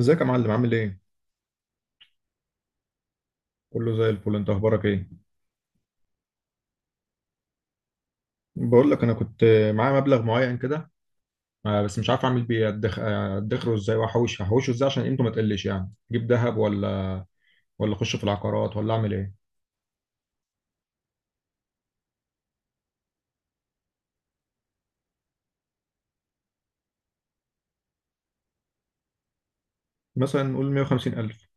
ازيك يا معلم؟ عامل ايه؟ كله زي الفل، انت اخبارك ايه؟ بقول لك انا كنت معايا مبلغ معين كده، بس مش عارف اعمل بيه. ادخره ازاي واحوش هحوشه ازاي عشان قيمته ما تقلش؟ يعني اجيب ذهب ولا اخش في العقارات ولا اعمل ايه؟ مثلا نقول 150,000.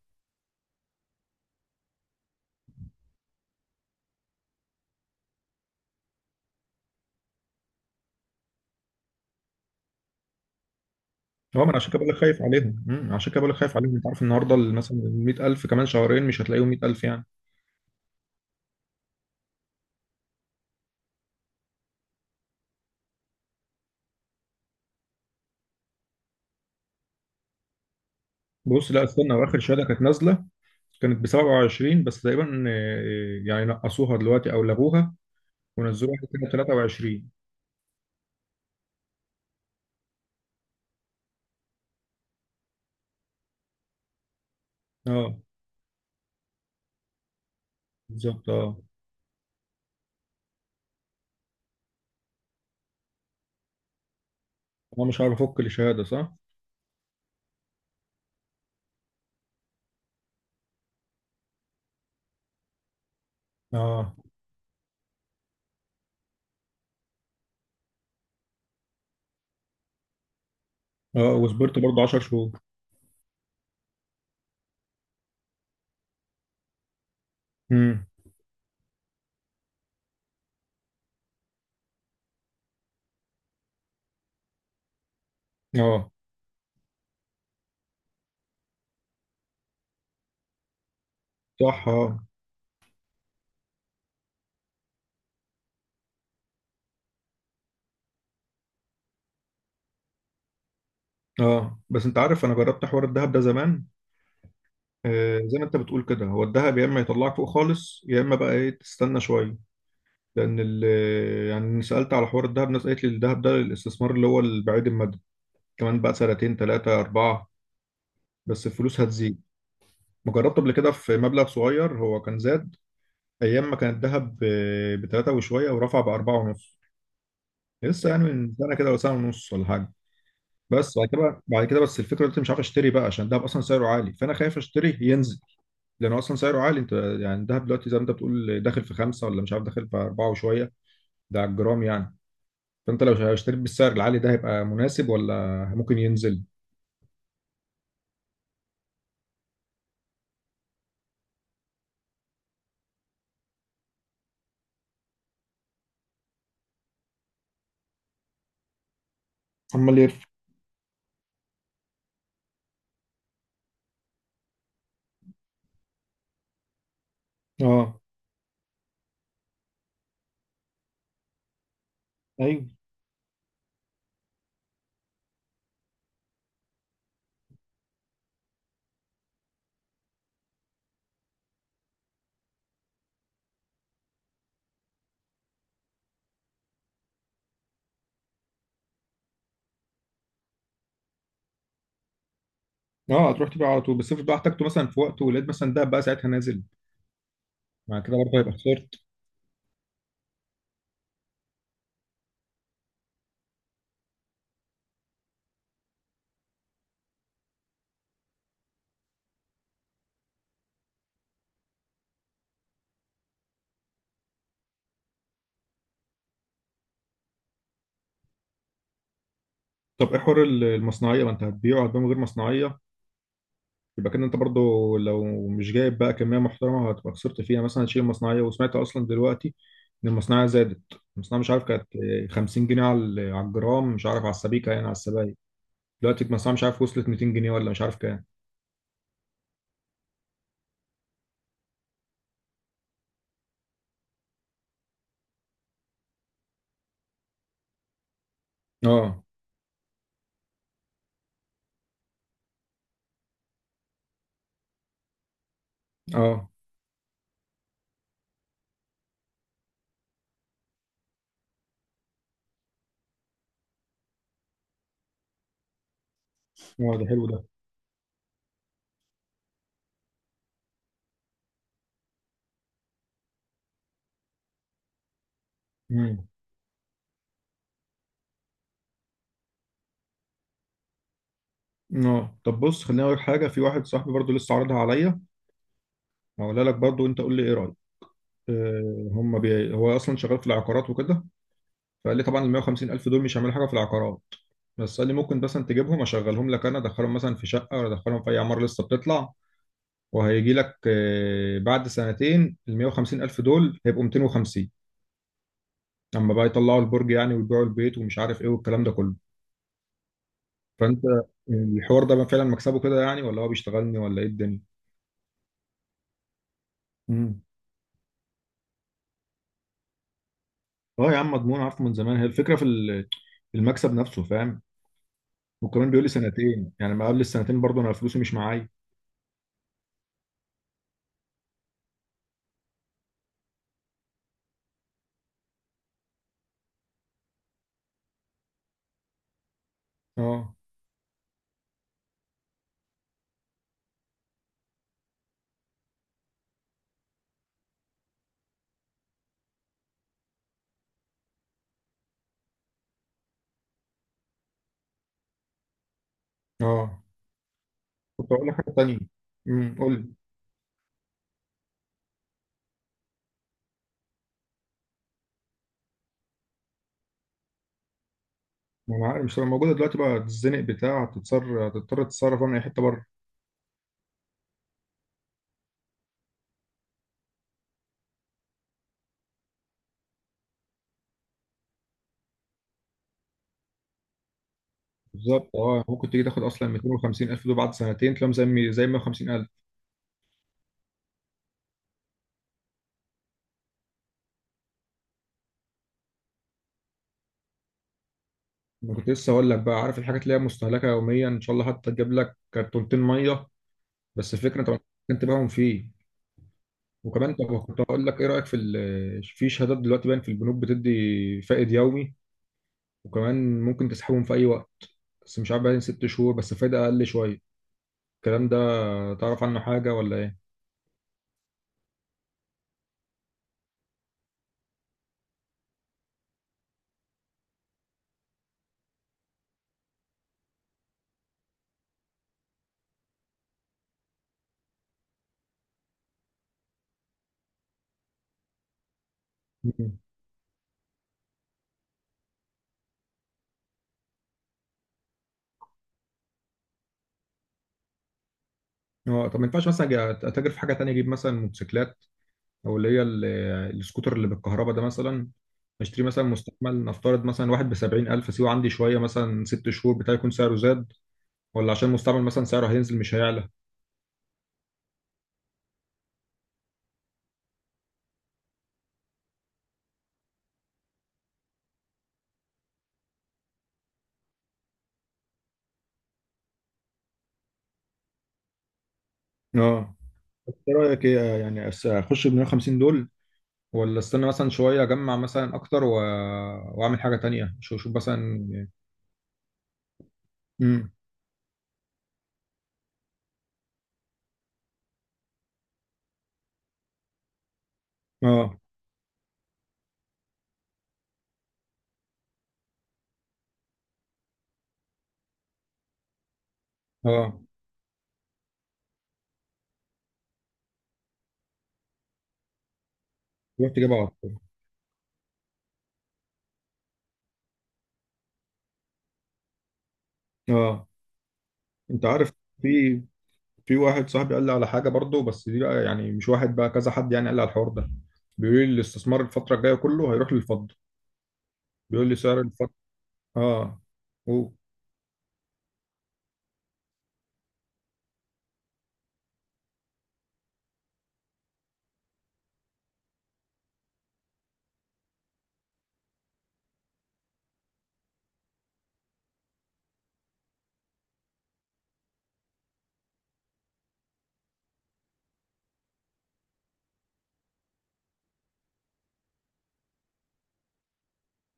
اه، ما انا عشان كده بقول لك خايف عليهم. عشان كده بقول لك خايف عليهم. انت عارف النهارده مثلا ال 100,000 كمان شهرين مش هتلاقيهم 100,000 يعني. بص، لا استنى. واخر شهاده كانت نازله كانت ب 27 بس تقريبا. يعني نقصوها دلوقتي او لغوها ونزلوها كده 23. اه، بالظبط. اه، انا مش عارف افك الشهاده صح. اه. اه، وصبرت برضه 10 شهور. امم. اه، صح. اه. اه، بس انت عارف انا جربت حوار الذهب ده زمان. آه، زي ما انت بتقول كده، هو الذهب يا اما يطلعك فوق خالص، يا اما بقى ايه، تستنى شويه. لان يعني سالت على حوار الذهب، ناس قالت لي الذهب ده الاستثمار اللي هو البعيد المدى. كمان بقى سنتين، ثلاثه، اربعه، بس الفلوس هتزيد. ما جربت قبل كده في مبلغ صغير، هو كان زاد ايام ما كان الذهب ب 3 وشويه، ورفع ب 4.5. لسه يعني من سنه كده ولا سنه ونص ولا حاجه. بس بعد كده بعد كده، بس الفكره دلوقتي مش عارف اشتري بقى، عشان الدهب اصلا سعره عالي، فانا خايف اشتري ينزل. لانه اصلا سعره عالي. انت يعني الدهب دلوقتي زي ما انت بتقول داخل في خمسه، ولا مش عارف داخل في اربعه وشويه. ده على الجرام يعني. فانت لو اشتريت بالسعر العالي ده، هيبقى مناسب ولا ممكن ينزل؟ عمال يرفع. اه. ايوه. اه، هتروح تبيع على طول. بس افرض بقى احتجته مثلا في وقته ولقيت مثلا ده بقى ساعتها نازل، مع كده برضه هيبقى خسرت. طب ايه حوار المصنعيه؟ ما انت هتبيعه، هتبيعه من غير مصنعيه. يبقى كده انت برضو لو مش جايب بقى كميه محترمه، هتبقى خسرت فيها مثلا، هتشيل المصنعيه. وسمعت اصلا دلوقتي ان المصنعيه زادت. المصنعيه مش عارف كانت 50 جنيه على على الجرام، مش عارف على السبيكه يعني، على السبايك. دلوقتي المصنعيه مش عارف وصلت 200 جنيه ولا مش عارف كام. اه. اه. اه، ده حلو ده. مم. اه، طب بص خليني اقول لك حاجه. في واحد صاحبي برضو لسه عارضها عليا، هقولها لك برضو وانت قول لي ايه رايك. هو اصلا شغال في العقارات وكده. فقال لي طبعا ال 150 الف دول مش هيعملوا حاجه في العقارات، بس قال لي ممكن مثلا تجيبهم اشغلهم لك، انا ادخلهم مثلا في شقه ولا ادخلهم في اي عماره لسه بتطلع، وهيجي لك بعد سنتين ال 150 الف دول هيبقوا 250، اما بقى يطلعوا البرج يعني ويبيعوا البيت ومش عارف ايه والكلام ده كله. فانت الحوار ده فعلا مكسبه كده يعني، ولا هو بيشتغلني ولا ايه الدنيا؟ امم. اه يا عم، مضمون، عارفه من زمان. هي الفكره في المكسب نفسه، فاهم؟ وكمان بيقول لي سنتين، يعني ما قبل السنتين برضه انا فلوسي مش معايا. اه. اه، كنت اقول لك حاجه تانية. امم، قول لي. ما انا عارف مش هتبقى موجوده دلوقتي، بقى تتزنق بتاع، هتتصر، هتضطر تتصرف من اي حته بره. بالظبط. اه، ممكن تيجي تاخد اصلا 250 الف دول بعد سنتين تلاقيهم زي 150 الف. انا كنت لسه اقول لك بقى، عارف الحاجات اللي هي مستهلكه يوميا، ان شاء الله حتى تجيب لك كرتونتين ميه. بس الفكره طبعا ممكن تبيعهم فيه. وكمان، طب كنت هقول لك ايه رايك في في شهادات دلوقتي باين في البنوك بتدي فائد يومي، وكمان ممكن تسحبهم في اي وقت. بس مش عارف، باين ست شهور بس فايده اقل شويه. الكلام ده تعرف عنه حاجه ولا ايه؟ مم. اه، طب ما ينفعش مثلا أجي اتاجر في حاجه تانية؟ اجيب مثلا موتوسيكلات، او اللي هي السكوتر اللي بالكهرباء ده مثلا. اشتري مثلا مستعمل، نفترض مثلا واحد ب 70,000، سيبه عندي شويه مثلا ست شهور، بتاعي يكون سعره زاد؟ ولا عشان مستعمل مثلا سعره هينزل مش هيعلى؟ اه. ايه رايك؟ ايه يعني، اخش ب 150 دول، ولا استنى مثلا شويه اجمع مثلا اكتر واعمل حاجه تانية؟ شوف، شوف مثلا. امم. اه. اه، رحت جايبها على طول. اه، انت عارف، في واحد صاحبي قال لي على حاجه برضه، بس دي بقى يعني مش واحد، بقى كذا حد يعني قال لي على الحوار ده. بيقول لي الاستثمار الفتره الجايه كله هيروح للفضه. بيقول لي سعر الفضه. اه و...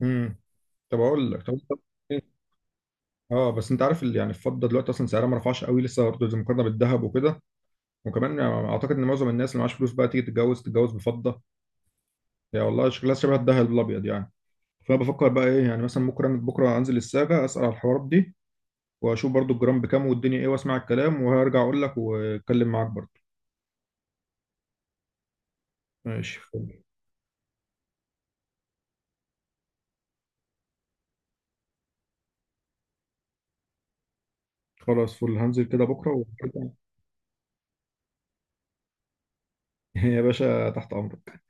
امم. طب اقول لك، اه بس انت عارف اللي يعني، الفضه دلوقتي اصلا سعرها ما رفعش قوي لسه برضه، زي مقارنه بالذهب وكده. وكمان يعني اعتقد ان معظم الناس اللي معاش فلوس بقى تيجي تتجوز بفضه. يا والله شكلها شبه الذهب الابيض يعني. فانا بفكر بقى ايه يعني، مثلا بكره، بكره انزل الساجه اسال على الحوارات دي، واشوف برضو الجرام بكام والدنيا ايه، واسمع الكلام وهرجع اقول لك واتكلم معاك برضو. ماشي، فل. خلاص فل، هنزل كده بكرة وهرجع. يا باشا تحت أمرك.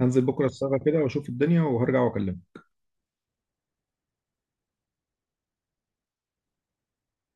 هنزل بكرة الساعة كده وأشوف الدنيا وهرجع وأكلمك.